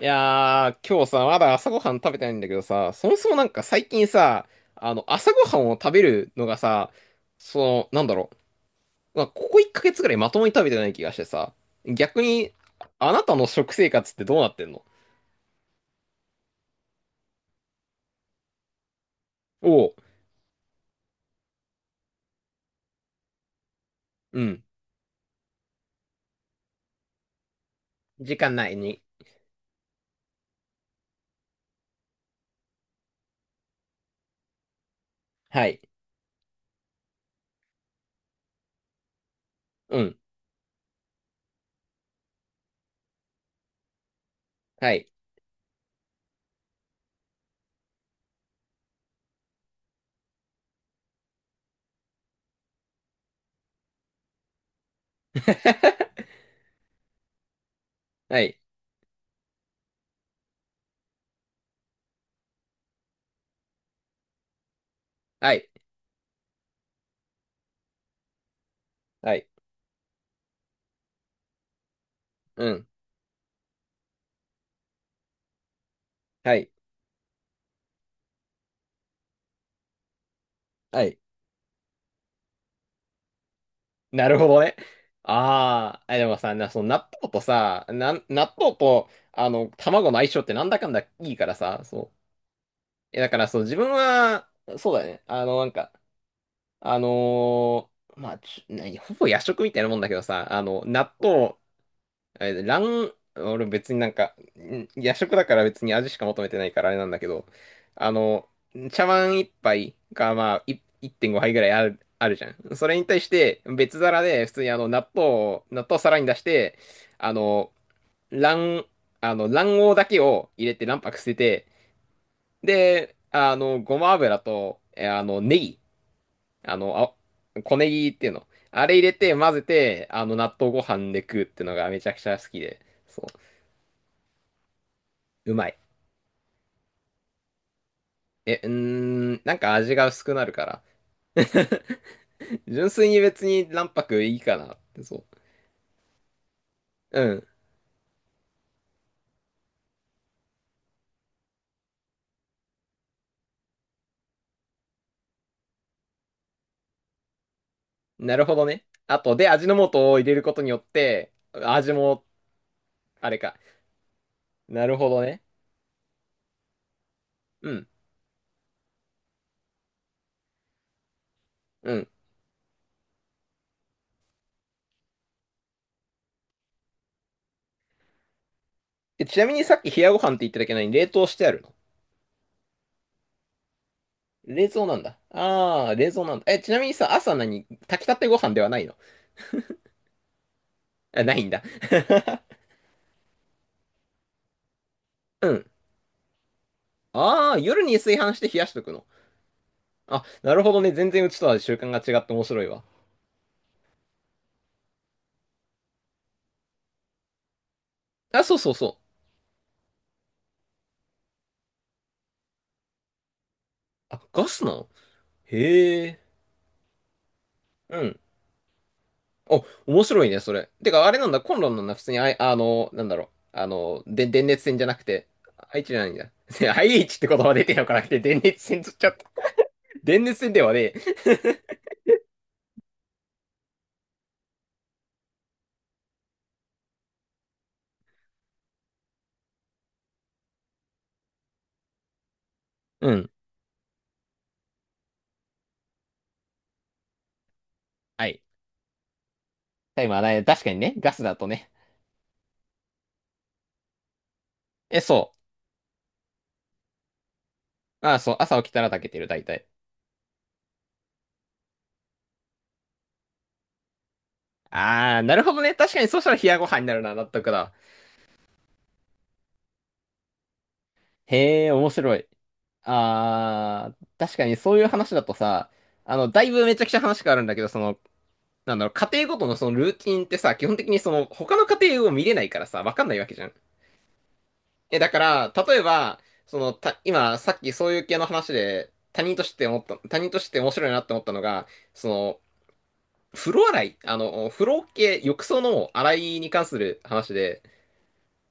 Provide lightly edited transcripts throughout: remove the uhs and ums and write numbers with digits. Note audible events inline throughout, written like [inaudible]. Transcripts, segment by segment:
いやー、今日さ、まだ朝ごはん食べてないんだけどさ、そもそもなんか最近さ、朝ごはんを食べるのがさ、なんだろう、まあ、ここ1ヶ月ぐらいまともに食べてない気がしてさ、逆に、あなたの食生活ってどうなってんの？おう、うん、時間ないに。はい、うん、はい。[laughs] はい、はい、はい、うん、はい、はい。なるほどね。ああ、でもさ、その納豆とさ、納豆と、卵の相性ってなんだかんだいいからさ、そう。だからそう、自分は、そうだね。あのまあ、ほぼ夜食みたいなもんだけどさ、あれ卵、俺別になんか、夜食だから別に味しか求めてないからあれなんだけど、あの、茶碗一杯がまあい1.5杯ぐらいあるじゃん。それに対して別皿で普通にあの納豆を皿に出して、あの、卵、あの卵黄だけを入れて卵白捨てて、で、ごま油と、えあの、ネギ、あの、小ネギっていうの。あれ入れて混ぜて、納豆ご飯で食うっていうのがめちゃくちゃ好きで。そう。うまい。うーん、なんか味が薄くなるから。[laughs] 純粋に別に卵白いいかなって、そう。うん。なるほどね。あと、で、味の素を入れることによって、味も、あれか。なるほどね。うん、うん。え、ちなみにさっき冷やご飯って言っただけなのに冷凍してあるの？冷蔵なんだ。あー、冷蔵なんだ。え、ちなみにさ、朝炊きたてご飯ではないの？あ、ないんだ。[laughs] うん。あー、夜に炊飯して冷やしとくの？あ、なるほどね。全然うちとは習慣が違って面白いわ。あ、そうそうそう。あ、ガスなの？へえ。うん。お、面白いね、それ。てか、あれなんだ、コンロンなんだ、普通に、あい、あの、なんだろう。で、電熱線じゃなくて、アイエイチじゃないんだ。[laughs] アイエイチって言葉出てよからなくて、電熱線取っちゃった。電熱線ではねえ。[laughs] うん。はい。タイマーない。確かにね、ガスだとね。え、そう。ああ、そう。朝起きたら炊けてる、大体。あー、なるほどね。確かに、そしたら冷やご飯になるな、納得だ。へえ、面白い。あー、確かにそういう話だとさ、だいぶめちゃくちゃ話変わるんだけど、なんだろう、家庭ごとのそのルーティンってさ、基本的に他の家庭を見れないからさ、わかんないわけじゃん。だから、例えば、今、さっきそういう系の話で、他人として思った、他人として面白いなって思ったのが、その、風呂洗い、風呂系、浴槽の洗いに関する話で、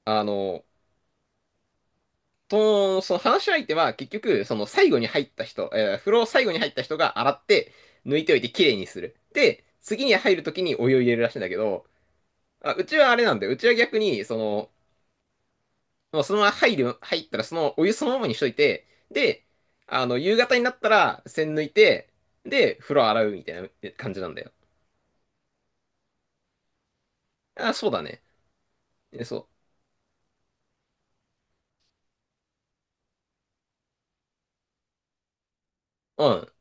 あの、その話し相手は結局、その最後に入った人、風呂を最後に入った人が洗って、抜いておいてきれいにする。で、次に入るときにお湯を入れるらしいんだけど、あ、うちはあれなんだよ。うちは逆に、もうそのまま入る、入ったらそのお湯そのままにしといて、で、夕方になったら栓抜いて、で、風呂洗うみたいな感じなんだよ。あ、そうだね。そう。うん。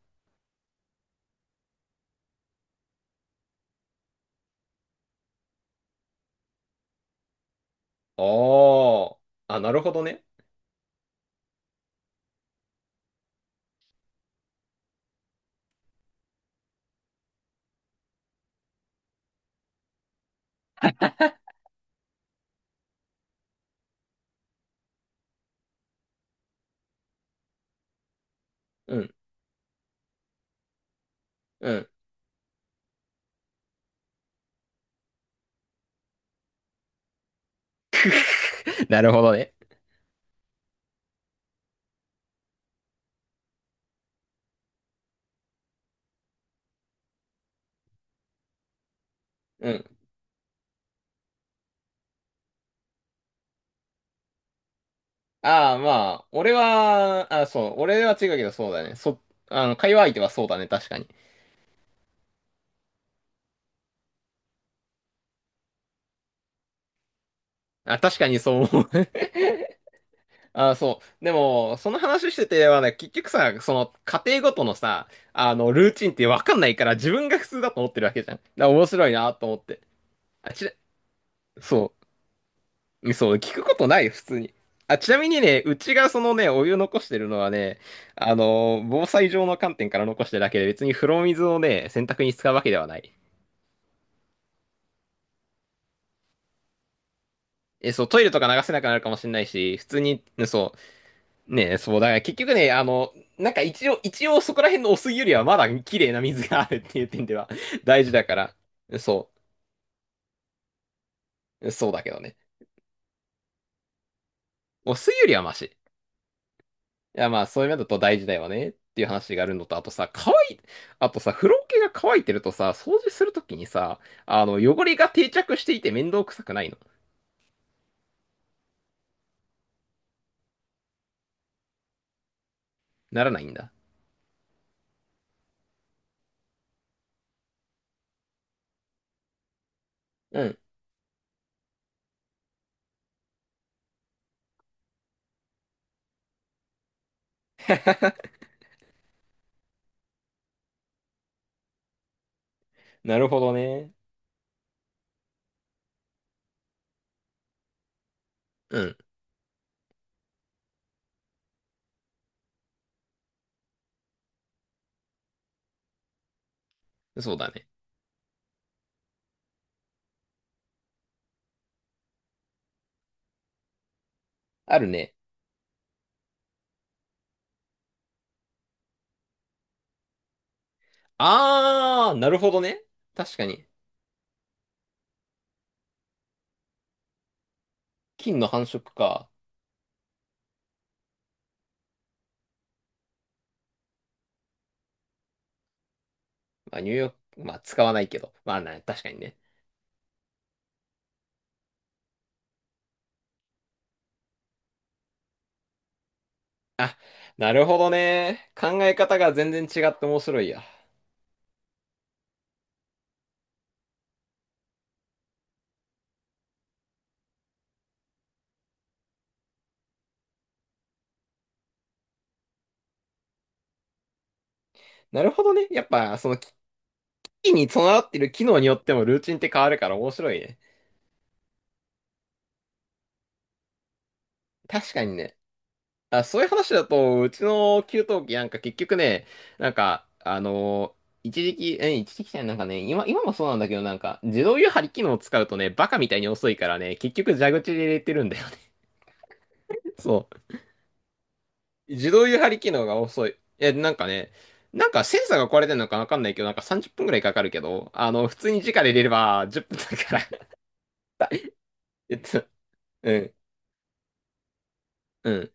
ああ。あ、なるほどね。うん。うん。[laughs] なるほどね。うん。ああ、まあ、俺は、あ、そう、俺は違うけどそうだね。そ、あの、会話相手はそうだね、確かに。あ、確かにそう思う。[laughs] あ、そう。でも、その話しててはね、結局さ、その、家庭ごとのさ、ルーチンってわかんないから、自分が普通だと思ってるわけじゃん。だから面白いなと思って。あ、そう、そう、聞くことない、普通に。あ、ちなみにね、うちがそのね、お湯残してるのはね、防災上の観点から残してるだけで、別に風呂水をね、洗濯に使うわけではない。え、そう、トイレとか流せなくなるかもしれないし、普通に、ねそう、ね、そう、だから結局ね、なんか一応そこら辺のお湯よりはまだ綺麗な水があるっていう点では [laughs] 大事だから、そう、そうだけどね。お水よりはマシ。いや、まあ、そういう面だと大事だよねっていう話があるのと、あとさ、乾い、あとさ、風呂桶が乾いてるとさ、掃除するときにさ、汚れが定着していて面倒くさくないの？ならないんだ。うん。[laughs] なるほどね。うん、そうだね。あるね。あー、なるほどね。確かに。菌の繁殖か。まあ、ニューヨーク、まあ、使わないけど。まあ、確かにね。あ、なるほどね。考え方が全然違って面白いや。なるほどね。やっぱ、その菌に備わってる機能によってもルーチンって変わるから面白いね。確かにね。あ、そういう話だと、うちの給湯器なんか結局ね、なんか、一時期、一時期じゃないなんかね、今もそうなんだけど、なんか、自動湯張り機能を使うとね、バカみたいに遅いからね、結局蛇口で入れてるんだよね。そう。自動湯張り機能が遅い。え、なんかセンサーが壊れてるのかわかんないけど、なんか30分くらいかかるけど、普通に直で入れれば10分だから [laughs] えっと、うん、うん、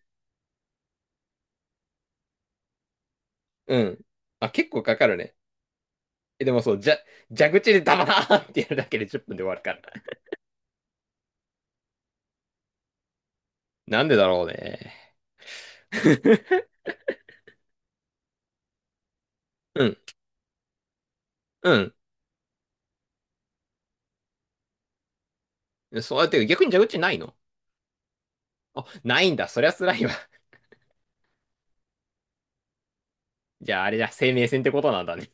うん。あ、結構かかるね。え、でもそう、じゃ、蛇口でダバーンってやるだけで10分で終わるから。なんでだろうね。[laughs] うん、うん。そうやって逆に蛇口ないの？あ、ないんだ。そりゃ辛いわ。じゃああれじゃ、生命線ってことなんだね。